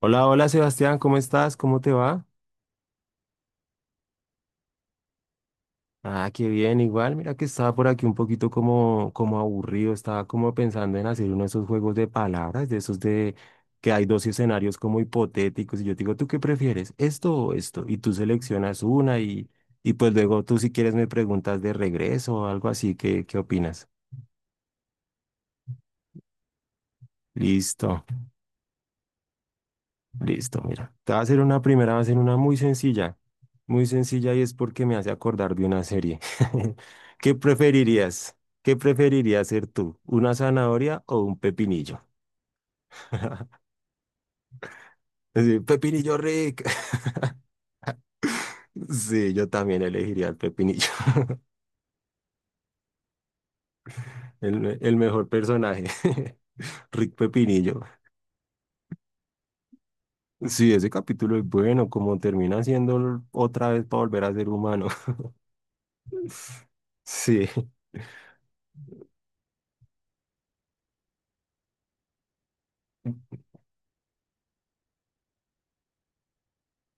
Hola, hola Sebastián, ¿cómo estás? ¿Cómo te va? Ah, qué bien, igual, mira que estaba por aquí un poquito como aburrido, estaba como pensando en hacer uno de esos juegos de palabras, de esos de que hay dos escenarios como hipotéticos y yo te digo, ¿tú qué prefieres? ¿Esto o esto? Y tú seleccionas una y pues luego tú si quieres me preguntas de regreso o algo así, ¿qué opinas? Listo. Listo, mira. Te voy a hacer una primera, va a ser una muy sencilla. Muy sencilla y es porque me hace acordar de una serie. ¿Qué preferirías? ¿Qué preferirías ser tú? ¿Una zanahoria o un pepinillo? Sí, Pepinillo Rick. Sí, yo también elegiría al Pepinillo, el mejor personaje. Rick Pepinillo. Sí, ese capítulo es bueno, como termina siendo otra vez para volver a ser humano. Sí.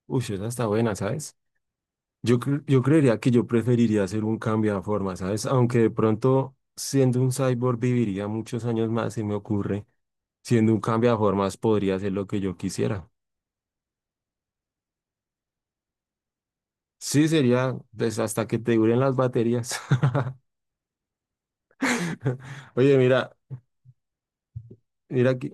Uy, esa está buena, ¿sabes? Yo creería que yo preferiría hacer un cambio de forma, ¿sabes? Aunque de pronto siendo un cyborg viviría muchos años más, se me ocurre. Siendo un cambio de formas podría hacer lo que yo quisiera. Sí, sería pues, hasta que te duren las baterías. Oye, mira, mira que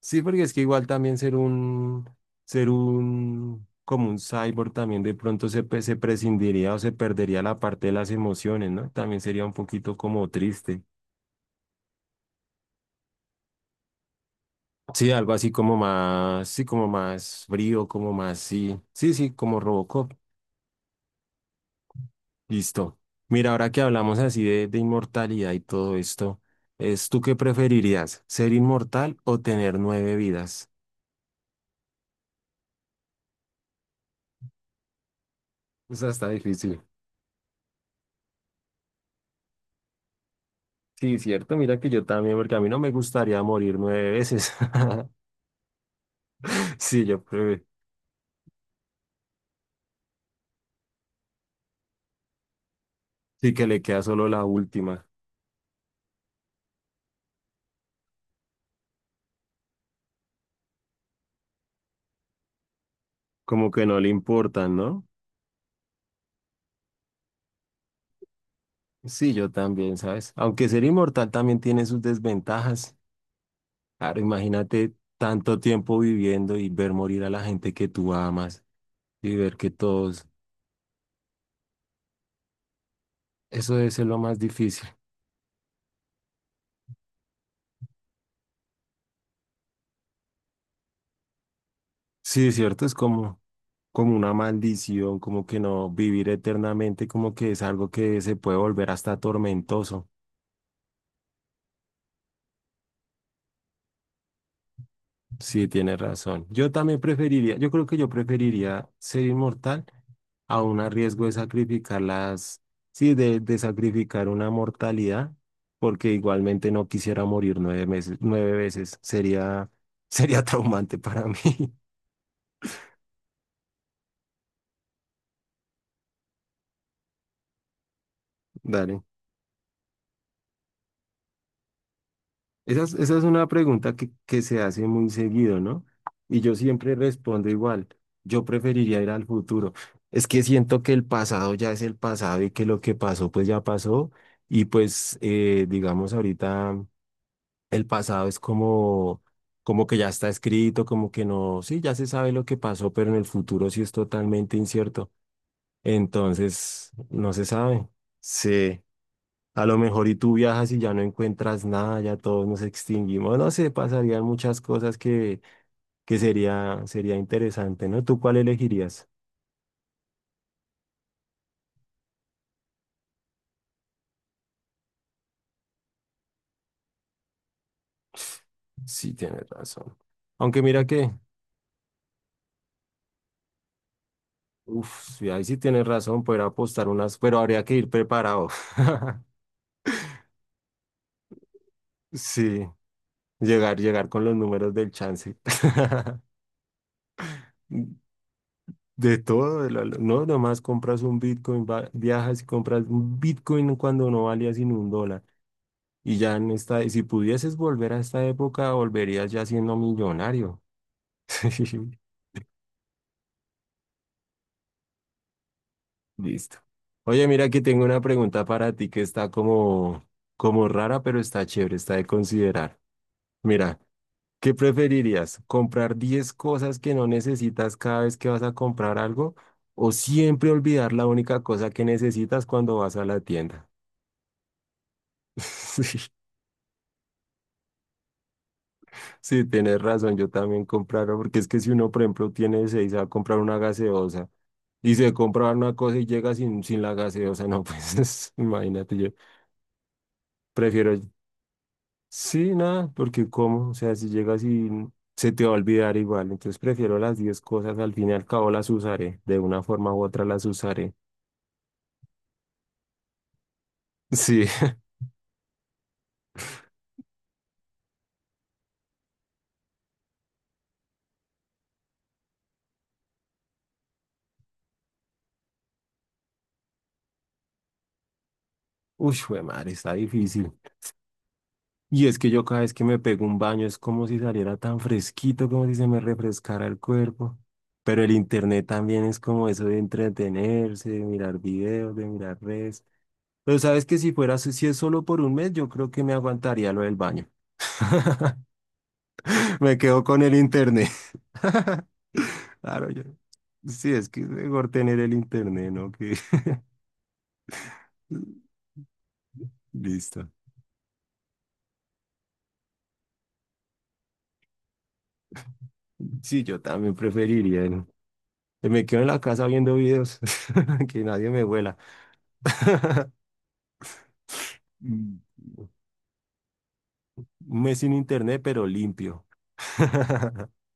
sí, porque es que igual también ser un, como un cyborg también de pronto se prescindiría o se perdería la parte de las emociones, ¿no? También sería un poquito como triste. Sí, algo así como más, sí, como más frío, como más, sí, sí, sí, como Robocop. Listo. Mira, ahora que hablamos así de inmortalidad y todo esto, ¿es tú qué preferirías, ser inmortal o tener 9 vidas? Esa está difícil. Sí, cierto, mira que yo también, porque a mí no me gustaría morir 9 veces. Sí, yo creo, sí que le queda solo la última, como que no le importan, ¿no? Sí, yo también, ¿sabes? Aunque ser inmortal también tiene sus desventajas. Claro, imagínate tanto tiempo viviendo y ver morir a la gente que tú amas y ver que todos, eso debe ser lo más difícil. Sí, cierto, es como, como una maldición, como que no vivir eternamente, como que es algo que se puede volver hasta tormentoso. Sí, tienes razón. Yo también preferiría, yo creo que yo preferiría ser inmortal aún a riesgo de sacrificar las, sí, de sacrificar una mortalidad, porque igualmente no quisiera morir 9 meses, 9 veces. Sería, sería traumante para mí. Dale. Esa es una pregunta que se hace muy seguido, ¿no? Y yo siempre respondo igual. Yo preferiría ir al futuro. Es que siento que el pasado ya es el pasado y que lo que pasó, pues ya pasó. Y pues, digamos, ahorita. El pasado es como, como que ya está escrito, como que no, sí, ya se sabe lo que pasó, pero en el futuro sí es totalmente incierto. Entonces, no se sabe. Sí, a lo mejor y tú viajas y ya no encuentras nada, ya todos nos extinguimos, no sé, pasarían muchas cosas que sería, sería interesante, ¿no? ¿Tú cuál elegirías? Sí, tienes razón. Aunque mira que, uff, ahí sí tienes razón, poder apostar unas, pero habría que ir preparado. Sí. Llegar, llegar con los números del chance. De todo, no, nomás compras un Bitcoin, viajas y compras un Bitcoin cuando no valía sino un dólar. Y ya en esta, si pudieses volver a esta época, volverías ya siendo millonario. Listo. Oye, mira que tengo una pregunta para ti que está como, como rara, pero está chévere, está de considerar. Mira. ¿Qué preferirías? ¿Comprar 10 cosas que no necesitas cada vez que vas a comprar algo? ¿O siempre olvidar la única cosa que necesitas cuando vas a la tienda? Sí, sí, tienes razón, yo también compraro, porque es que si uno, por ejemplo, tiene seis, va a comprar una gaseosa y se compra una cosa y llega sin la gaseosa, no, pues imagínate, yo prefiero. Sí, nada, porque cómo, o sea, si llegas y se te va a olvidar igual, entonces prefiero las 10 cosas, al fin y al cabo las usaré, de una forma u otra las usaré. Sí, uy, jue madre, está difícil. Y es que yo cada vez que me pego un baño es como si saliera tan fresquito, como si se me refrescara el cuerpo. Pero el internet también es como eso de entretenerse, de mirar videos, de mirar redes. Pero sabes que si fuera, si es solo por 1 mes, yo creo que me aguantaría lo del baño. Me quedo con el internet. Claro, yo. Sí, es que es mejor tener el internet, ¿no? Que... Listo. Sí, yo también preferiría. ¿No? Que me quedo en la casa viendo videos, que nadie me vuela. Mm, 1 mes sin internet, pero limpio.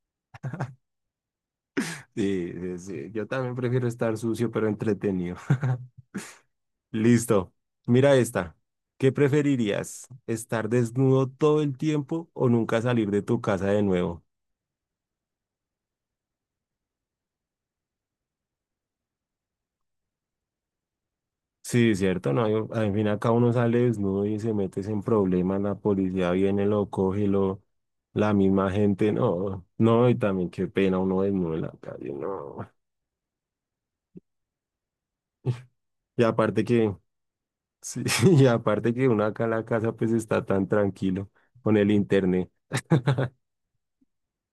Sí, sí, sí, yo también prefiero estar sucio, pero entretenido. Listo. Mira esta. ¿Qué preferirías? ¿Estar desnudo todo el tiempo o nunca salir de tu casa de nuevo? Sí, cierto, no, al fin acá uno sale desnudo y se mete en problemas, la policía viene, lo coge, lo, la misma gente, no, no, y también qué pena uno desnudo en la calle, no. Y aparte que, sí, y aparte que uno acá en la casa pues está tan tranquilo con el internet,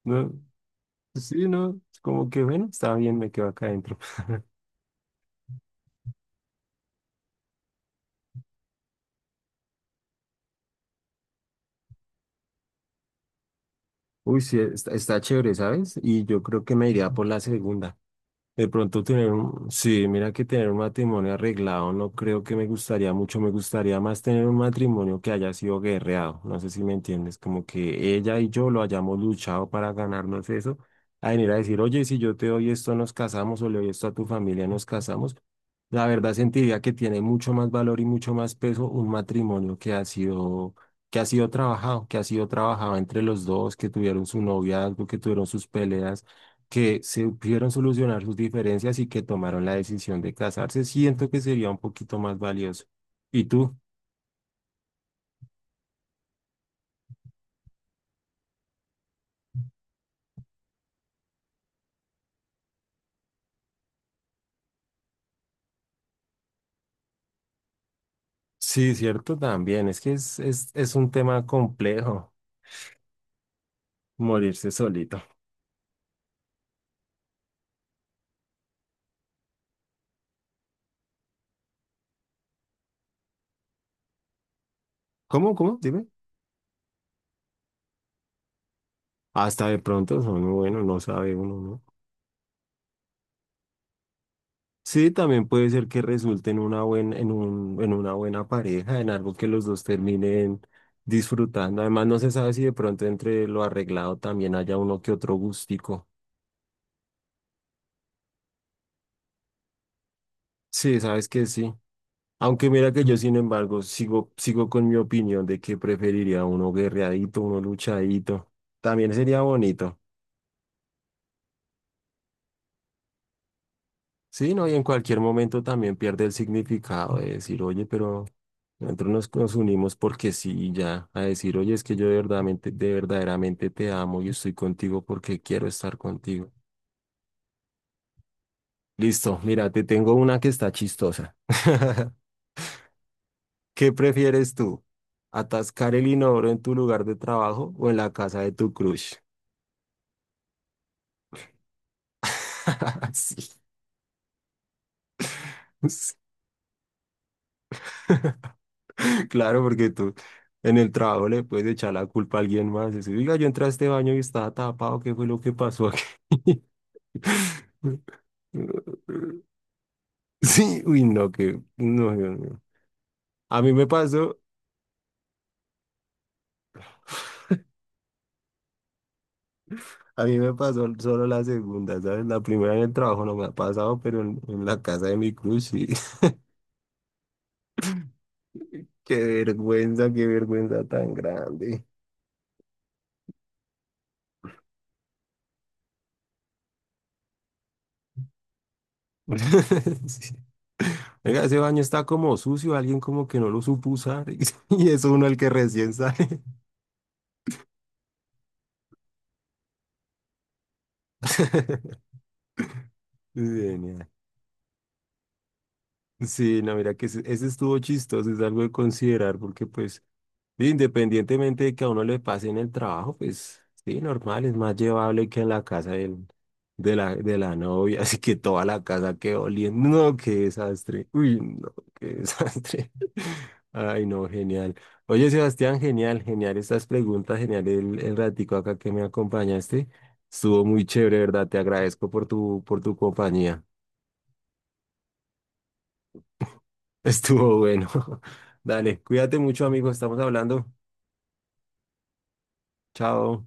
no, sí, no, es como que bueno, está bien, me quedo acá adentro. Uy, sí, está, está chévere, ¿sabes? Y yo creo que me iría por la segunda. De pronto tener un, sí, mira que tener un matrimonio arreglado no creo que me gustaría mucho, me gustaría más tener un matrimonio que haya sido guerreado, no sé si me entiendes, como que ella y yo lo hayamos luchado para ganarnos eso, a venir a decir, oye, si yo te doy esto nos casamos o le doy esto a tu familia nos casamos, la verdad sentiría que tiene mucho más valor y mucho más peso un matrimonio que ha sido trabajado, que ha sido trabajado entre los dos, que tuvieron su noviazgo, que tuvieron sus peleas que supieron solucionar sus diferencias y que tomaron la decisión de casarse, siento que sería un poquito más valioso. ¿Y tú? Sí, cierto, también. Es que es un tema complejo, morirse solito. ¿Cómo? ¿Cómo? Dime. Hasta de pronto son, bueno, no sabe uno, ¿no? Sí, también puede ser que resulte en una buen, en un, en una buena pareja, en algo que los dos terminen disfrutando. Además, no se sabe si de pronto entre lo arreglado también haya uno que otro gustico. Sí, sabes que sí. Aunque mira que yo, sin embargo, sigo, sigo con mi opinión de que preferiría uno guerreadito, uno luchadito. También sería bonito. Sí, ¿no? Y en cualquier momento también pierde el significado de decir, oye, pero nosotros nos, nos unimos porque sí, y ya. A decir, oye, es que yo de verdaderamente te amo y estoy contigo porque quiero estar contigo. Listo, mira, te tengo una que está chistosa. ¿Qué prefieres tú? ¿Atascar el inodoro en tu lugar de trabajo o en la casa de tu crush? Sí. Claro, porque tú en el trabajo le puedes echar la culpa a alguien más. Decir, oiga, yo entré a este baño y estaba tapado, ¿qué fue lo que pasó aquí? Sí, uy, no, que, no, Dios mío. A mí me pasó, a mí me pasó solo la segunda, ¿sabes? La primera en el trabajo no me ha pasado, pero en la casa de mi cruz sí. Qué vergüenza tan grande. Sí. Oiga, ese baño está como sucio, alguien como que no lo supo usar y es uno el que recién sale. Genial. Sí, no, mira que ese estuvo chistoso, es algo de considerar porque pues sí, independientemente de que a uno le pase en el trabajo, pues sí, normal, es más llevable que en la casa de la novia, así que toda la casa quedó oliendo. No, qué desastre. Uy, no, qué desastre. Ay, no, genial. Oye, Sebastián, genial, genial estas preguntas, genial el ratico acá que me acompañaste. Estuvo muy chévere, ¿verdad? Te agradezco por tu compañía. Estuvo bueno. Dale, cuídate mucho, amigo, estamos hablando. Chao.